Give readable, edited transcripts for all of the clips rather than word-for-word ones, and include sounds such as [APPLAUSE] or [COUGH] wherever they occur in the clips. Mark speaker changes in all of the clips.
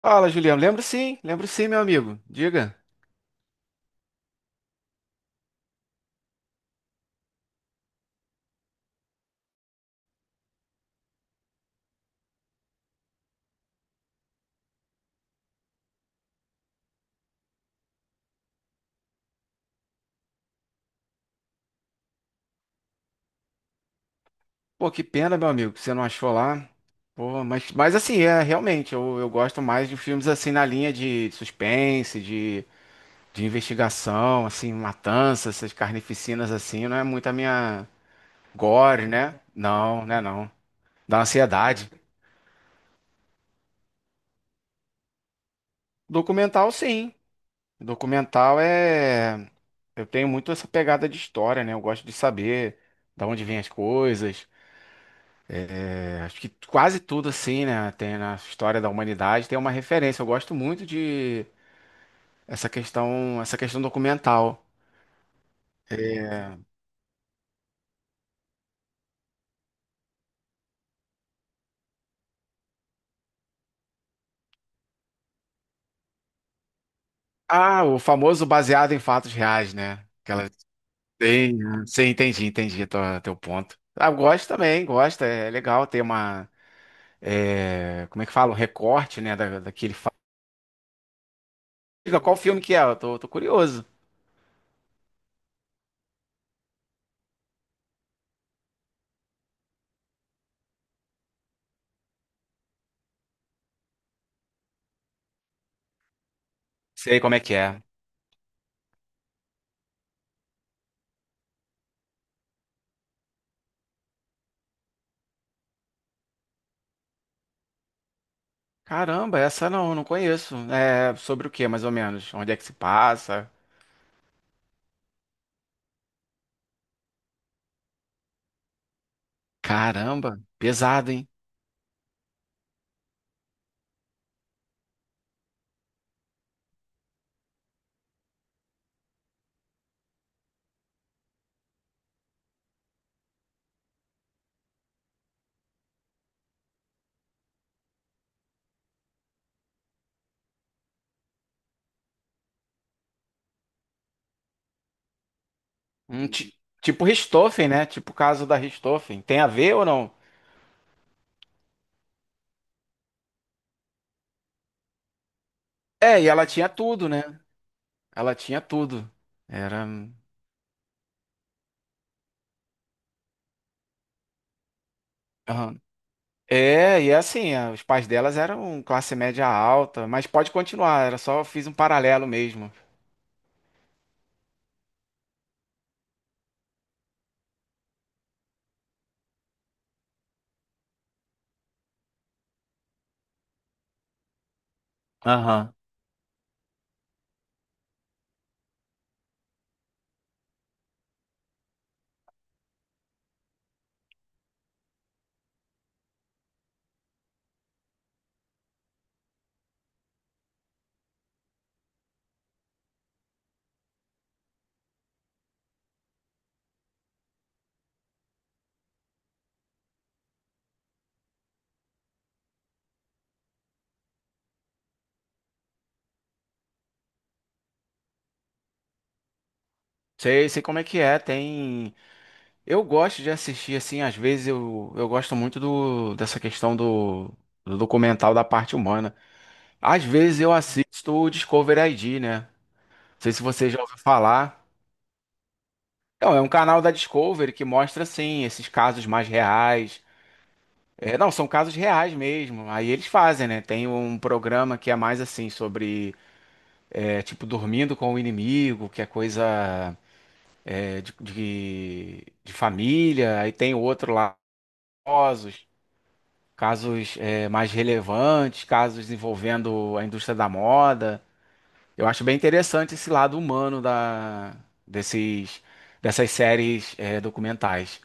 Speaker 1: Fala, Juliano. Lembro sim, meu amigo. Diga. Pô, que pena, meu amigo, que você não achou lá. Pô, mas assim, é realmente, eu gosto mais de filmes assim na linha de suspense, de investigação, assim, matança, essas carnificinas assim, não é muito a minha gore, né? Não, né, não. Da ansiedade. Documental, sim. Documental é. Eu tenho muito essa pegada de história, né? Eu gosto de saber da onde vêm as coisas. Acho que quase tudo assim, né, tem na história da humanidade tem uma referência. Eu gosto muito de essa questão documental. Ah, o famoso baseado em fatos reais, né? Aquela tem, sim, entendi, entendi teu ponto. Ah, eu gosto também, gosto. É legal ter uma, é, como é que fala, um recorte, né, da, daquele fato. Diga, qual filme que é? Eu tô curioso. Sei como é que é. Caramba, essa não, não conheço. É sobre o que, mais ou menos? Onde é que se passa? Caramba, pesado, hein? Hum, ti- tipo Richthofen, né? Tipo o caso da Richthofen. Tem a ver ou não? É, e ela tinha tudo, né? Ela tinha tudo. Era. Aham. É, e assim, os pais delas eram classe média alta, mas pode continuar, era só fiz um paralelo mesmo. Aham. Sei, sei como é que é, tem. Eu gosto de assistir, assim, às vezes eu gosto muito do, dessa questão do, do documental da parte humana. Às vezes eu assisto o Discovery ID, né? Não sei se você já ouviu falar. Então, é um canal da Discovery que mostra, assim, esses casos mais reais. É, não, são casos reais mesmo. Aí eles fazem, né? Tem um programa que é mais assim, sobre, é, tipo, dormindo com o inimigo, que é coisa é, de família. Aí tem outro lá, casos, casos é, mais relevantes, casos envolvendo a indústria da moda. Eu acho bem interessante esse lado humano da, desses, dessas séries é, documentais.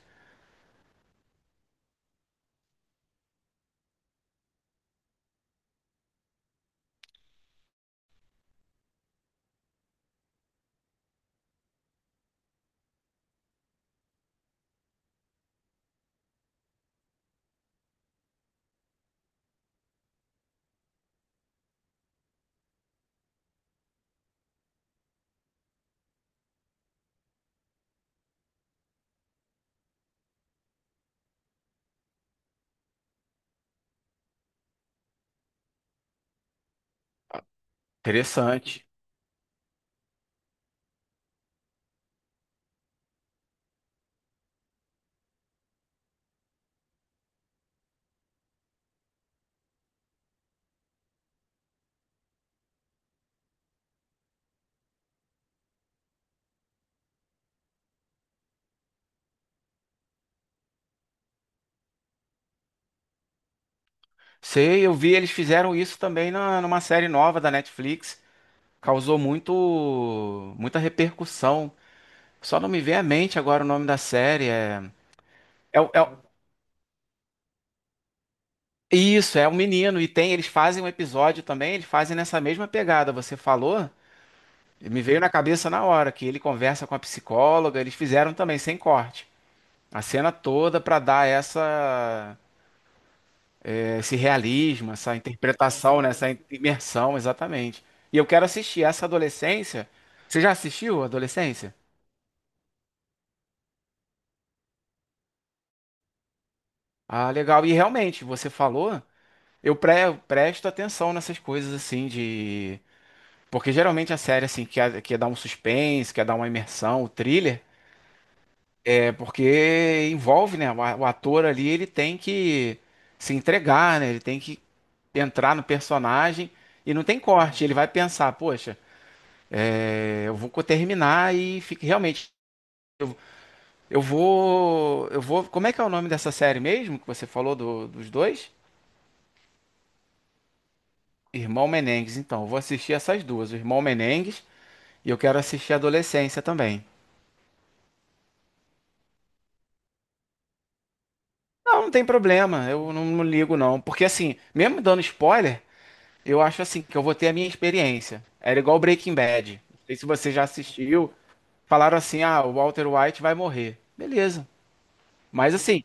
Speaker 1: Interessante. Sei, eu vi, eles fizeram isso também na, numa série nova da Netflix. Causou muito, muita repercussão. Só não me vem à mente agora o nome da série. É, o- é o- isso, é o menino. E tem, eles fazem um episódio também, eles fazem nessa mesma pegada. Você falou, e me veio na cabeça na hora que ele conversa com a psicóloga. Eles fizeram também sem corte. A cena toda pra dar essa, esse realismo, essa interpretação, né? Essa imersão, exatamente. E eu quero assistir essa Adolescência. Você já assistiu Adolescência? Ah, legal. E realmente, você falou, eu presto atenção nessas coisas assim de. Porque geralmente a série assim quer, quer dar um suspense, quer dar uma imersão, o thriller, é porque envolve, né? O o ator ali, ele tem que se entregar, né? Ele tem que entrar no personagem e não tem corte. Ele vai pensar, poxa. É, eu vou terminar e fique realmente. Eu vou. Eu vou. Como é que é o nome dessa série mesmo que você falou dos dois? Irmão Menengues, então. Eu vou assistir essas duas, o Irmão Menengues, e eu quero assistir Adolescência também. Não, não tem problema, eu não, não ligo não. Porque assim, mesmo dando spoiler, eu acho assim que eu vou ter a minha experiência. Era igual Breaking Bad. Não sei se você já assistiu. Falaram assim: ah, o Walter White vai morrer. Beleza. Mas assim,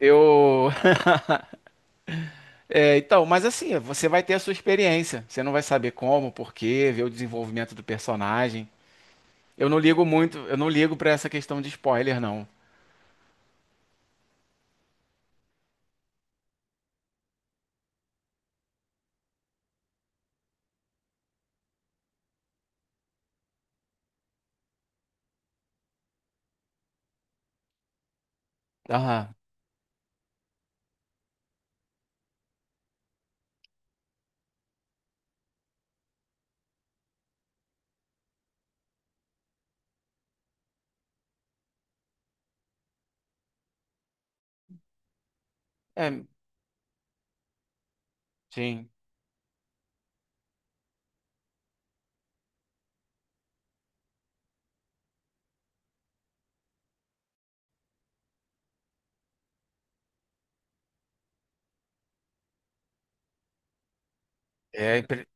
Speaker 1: eu. [LAUGHS] É, então, mas assim, você vai ter a sua experiência. Você não vai saber como, por quê, ver o desenvolvimento do personagem. Eu não ligo muito, eu não ligo pra essa questão de spoiler, não. Aham. É, sim. É impre-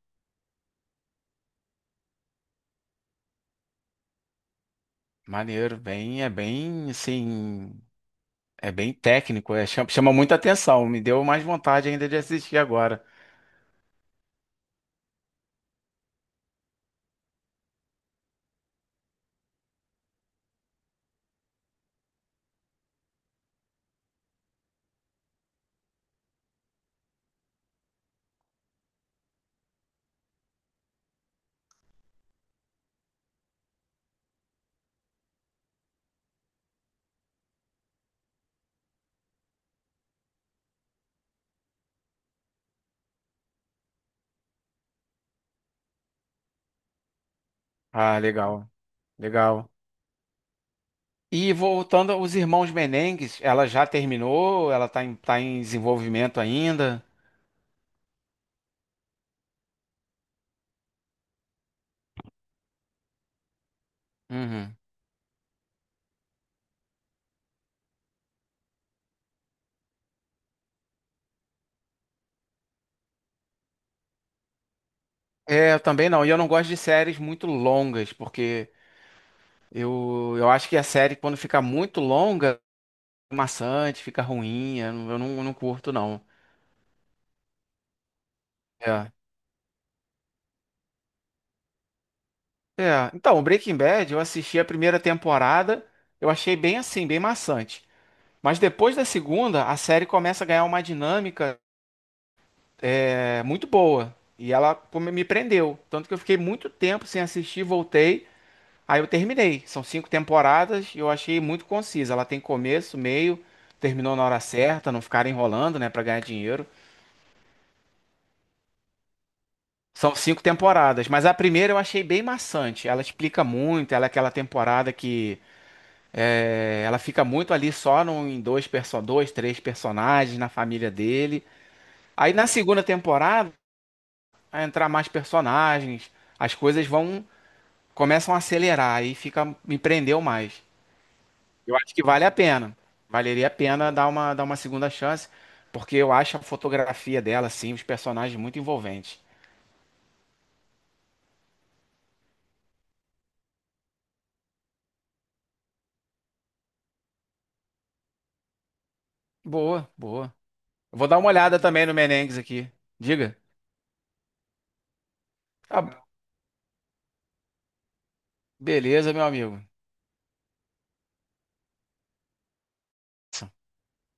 Speaker 1: Maneiro, bem, é bem, assim, é bem técnico, é, chama, chama muita atenção. Me deu mais vontade ainda de assistir agora. Ah, legal. Legal. E voltando aos Irmãos Menengues, ela já terminou? Ela tá em desenvolvimento ainda? Uhum. É, eu também não. E eu não gosto de séries muito longas, porque eu acho que a série, quando fica muito longa, é maçante, fica ruim. Eu não curto, não. É. É. Então, o Breaking Bad, eu assisti a primeira temporada, eu achei bem assim, bem maçante. Mas depois da segunda, a série começa a ganhar uma dinâmica é, muito boa. E ela pô, me prendeu. Tanto que eu fiquei muito tempo sem assistir, voltei. Aí eu terminei. São cinco temporadas e eu achei muito concisa. Ela tem começo, meio, terminou na hora certa, não ficar enrolando, né, pra ganhar dinheiro. São cinco temporadas, mas a primeira eu achei bem maçante. Ela explica muito, ela é aquela temporada que é, ela fica muito ali só no, em dois, perso dois, três personagens na família dele. Aí na segunda temporada, vai entrar mais personagens, as coisas vão começam a acelerar e fica me prendeu mais. Eu acho que vale a pena. Valeria a pena dar uma segunda chance, porque eu acho a fotografia dela, assim, os personagens muito envolventes. Boa, boa. Eu vou dar uma olhada também no Menengues aqui. Diga. Tá, beleza, meu amigo.